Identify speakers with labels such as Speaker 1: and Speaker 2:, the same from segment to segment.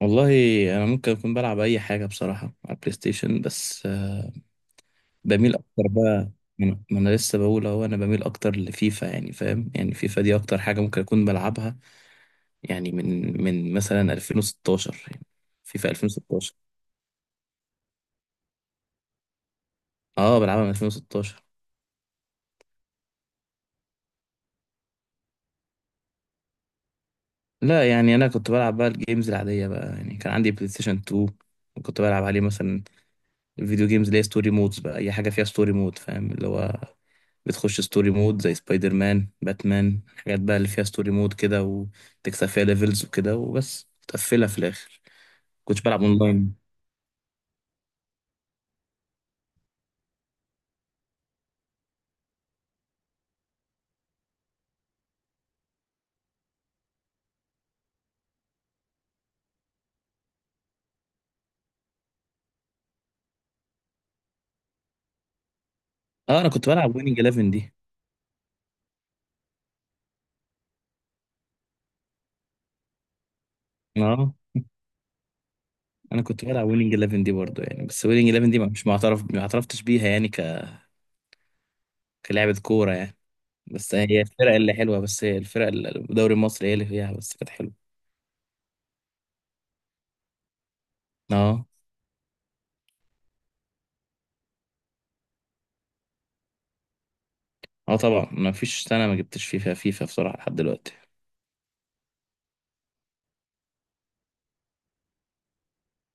Speaker 1: والله. انا ممكن اكون بلعب اي حاجه بصراحه على البلاي ستيشن بس بميل اكتر بقى. ما أنا لسه بقول اهو انا بميل اكتر لفيفا، يعني فاهم، يعني فيفا دي اكتر حاجه ممكن اكون بلعبها. يعني من مثلا 2016، يعني فيفا 2016. اه، بلعبها من 2016. لا يعني انا كنت بلعب بقى الجيمز العاديه بقى، يعني كان عندي بلاي ستيشن 2، وكنت بلعب عليه مثلا الفيديو جيمز اللي هي ستوري مودز بقى، اي حاجه فيها ستوري مود، فاهم، اللي هو بتخش ستوري مود زي سبايدر مان، باتمان، حاجات بقى اللي فيها ستوري مود كده وتكسب فيها ليفلز وكده وبس تقفلها في الاخر. كنتش بلعب اونلاين. اه، انا كنت بلعب ويننج 11 دي. اه، انا كنت بلعب ويننج 11 دي برضه، يعني بس ويننج 11 دي مش معترف، ما اعترفتش بيها يعني كلعبة كورة يعني. بس هي الفرق اللي حلوة، بس هي الفرق اللي الدوري المصري هي اللي فيها بس كانت حلوة. اه. اه طبعا ما فيش سنة ما جبتش فيفا. فيفا بصراحة لحد دلوقتي.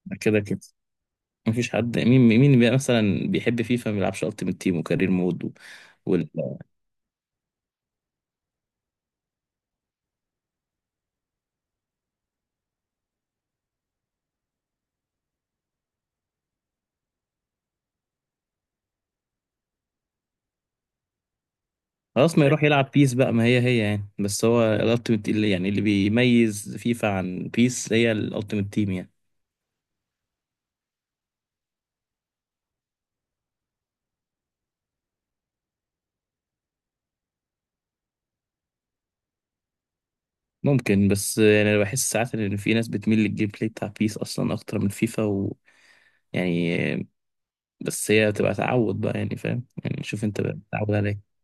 Speaker 1: ده كده كده. مفيش حد مين بقى مثلا بيحب فيفا ما بيلعبش التيمت تيم وكارير مود وال... خلاص، ما يروح يلعب بيس بقى، ما هي يعني، بس هو الالتيمت اللي يعني اللي بيميز فيفا عن بيس هي الالتيمت تيم يعني. ممكن، بس يعني انا بحس ساعات ان في ناس بتميل للجيم بلاي بتاع بيس اصلا اكتر من فيفا يعني، بس هي تبقى تعود بقى، يعني فاهم، يعني شوف انت بقى بتتعود على ايه.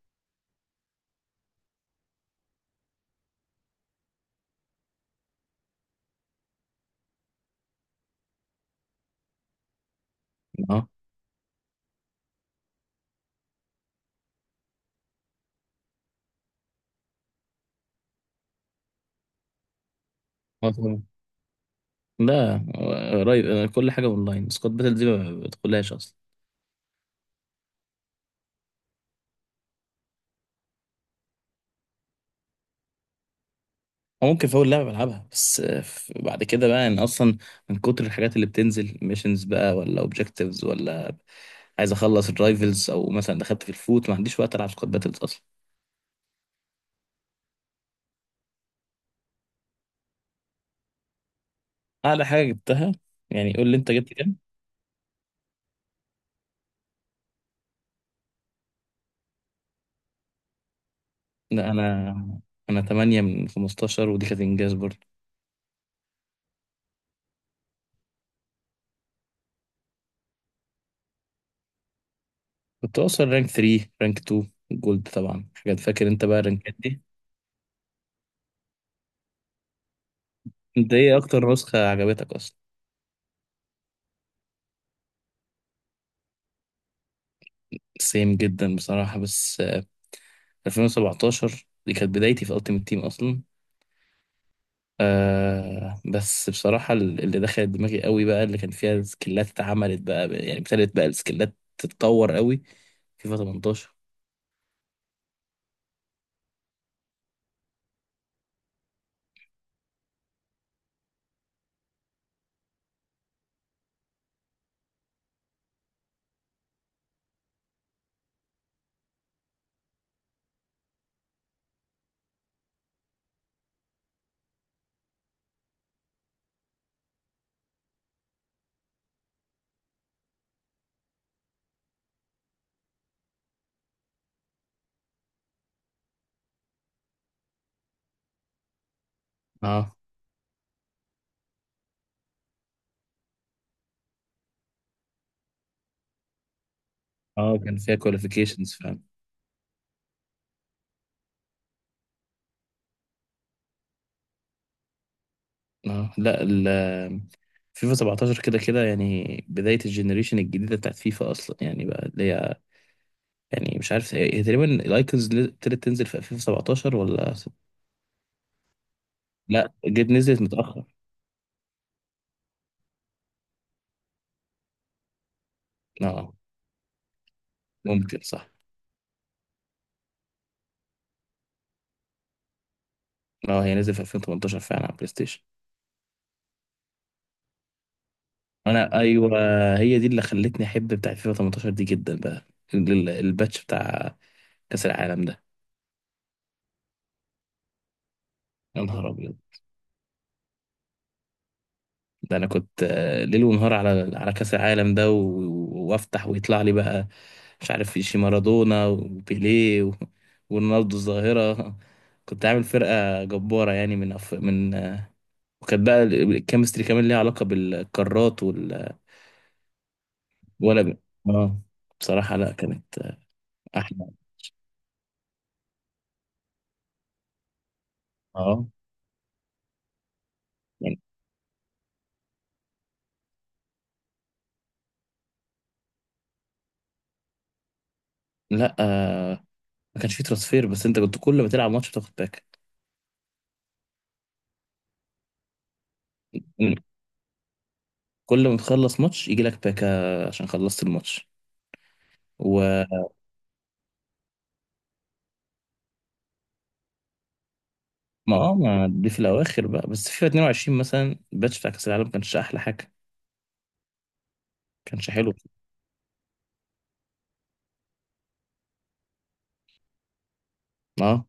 Speaker 1: اه. آه طبعا. لا، قريب. أنا كل حاجه اونلاين. سكواد باتل دي ما بدخلهاش اصلا. أو ممكن في أول لعبة بلعبها بس، بعد كده بقى يعني أصلا من كتر الحاجات اللي بتنزل ميشنز بقى، ولا أوبجكتيفز، ولا عايز أخلص الرايفلز، أو مثلا دخلت في الفوت، ما عنديش وقت ألعب سكواد باتلز أصلا. أعلى حاجة جبتها، يعني قول لي أنت جبت كام؟ لا أنا، أنا 8 من 15، ودي كانت إنجاز برضه. كنت أوصل رانك 3 رانك 2 جولد طبعا، حاجات فاكر أنت بقى الرانكات دي. أنت إيه أكتر نسخة عجبتك أصلا؟ سيم جدا بصراحة، بس 2017 دي كانت بدايتي في التيم تيم أصلا. آه، بس بصراحة اللي دخلت دماغي قوي بقى اللي كان فيها سكيلات اتعملت بقى، يعني ابتدت بقى السكيلات تتطور قوي. فيفا 18. اه. اه كان فيها كواليفيكيشنز فعلا. اه. لا، فيفا 17 كده كده يعني بداية الجنريشن الجديدة بتاعت فيفا أصلا، يعني بقى اللي هي، يعني مش عارف هي تقريبا الأيكونز اللي ابتدت تنزل في فيفا 17 لا، جت نزلت متأخر. اه ممكن صح. اه، هي نزلت في 2018 فعلا على بلاي ستيشن. انا ايوه، هي دي اللي خلتني احب بتاع فيفا 18 دي جدا بقى، الباتش بتاع كاس العالم ده. يا نهار ابيض، ده انا كنت ليل ونهار على كاس العالم ده، وافتح ويطلع لي بقى مش عارف في شي مارادونا وبيليه ورونالدو الظاهره. كنت عامل فرقه جباره يعني من. وكانت بقى الكيمستري كمان ليها علاقه بالقارات ولا ب... اه. بصراحه لا، كانت احلى. اه يعني. لا. آه. ما كانش فيه ترانسفير، بس انت كنت كل ما تلعب ماتش بتاخد باك. مم. كل ما تخلص ماتش يجي لك باكا عشان خلصت الماتش. وما. اه، ما دي في الاواخر بقى، بس فيفا 22 مثلا الباتش بتاع كاس العالم ما كانش احلى حاجه. ما كانش حلو. اه.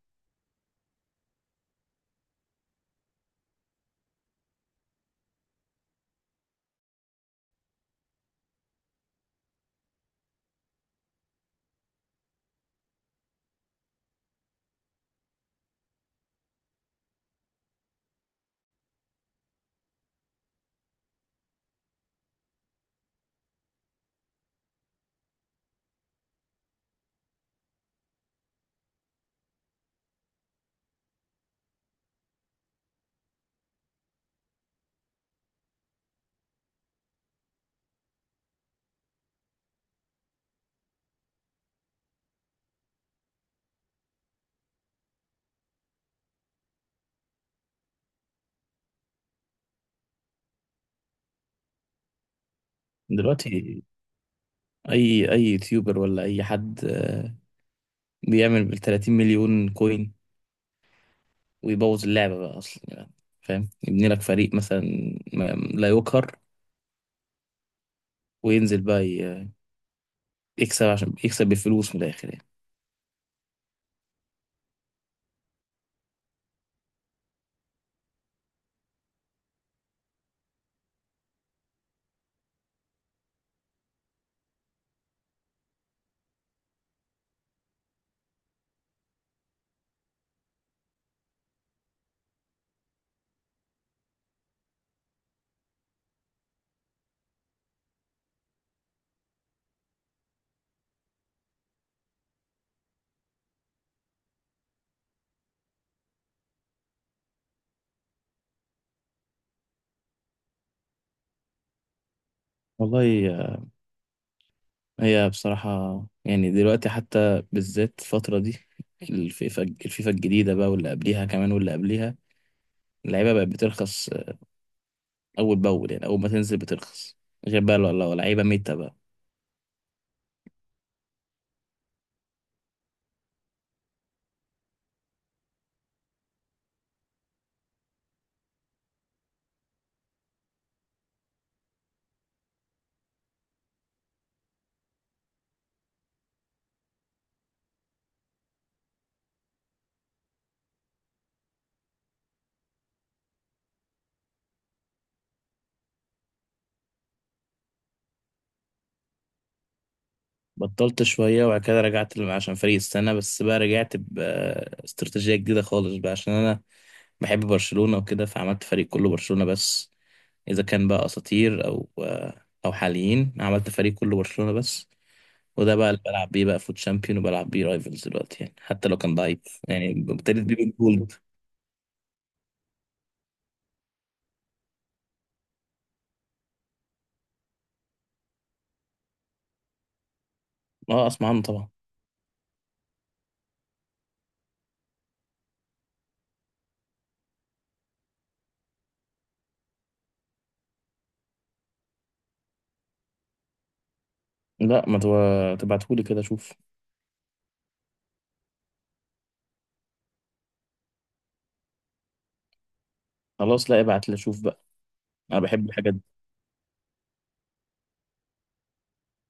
Speaker 1: دلوقتي اي يوتيوبر ولا اي حد بيعمل بال 30 مليون كوين ويبوظ اللعبه بقى اصلا يعني، فاهم، يبني لك فريق مثلا ما- لا يقهر، وينزل بقى يكسب، عشان يكسب بالفلوس من الاخر يعني. والله، هي بصراحة، يعني دلوقتي حتى بالذات الفترة دي الفيفا الجديدة بقى، واللي قبليها كمان واللي قبليها، اللعيبة بقت بترخص أول بأول، يعني أول ما تنزل بترخص، غير بقى لو لعيبة ميتة بقى. بطلت شوية وبعد كده رجعت عشان فريق السنة بس بقى، رجعت باستراتيجية جديدة خالص بقى، عشان أنا بحب برشلونة وكده، فعملت فريق كله برشلونة بس، إذا كان بقى أساطير أو حاليين، عملت فريق كله برشلونة بس. وده بقى اللي بلعب بيه بقى فوت شامبيون وبلعب بيه رايفلز دلوقتي، يعني حتى لو كان ضعيف، يعني ابتديت بيه بالجولد. اه، اسمع عنه طبعا. لا، ما تبعتهولي كده اشوف. خلاص، لا ابعت لي اشوف بقى. انا بحب الحاجات دي.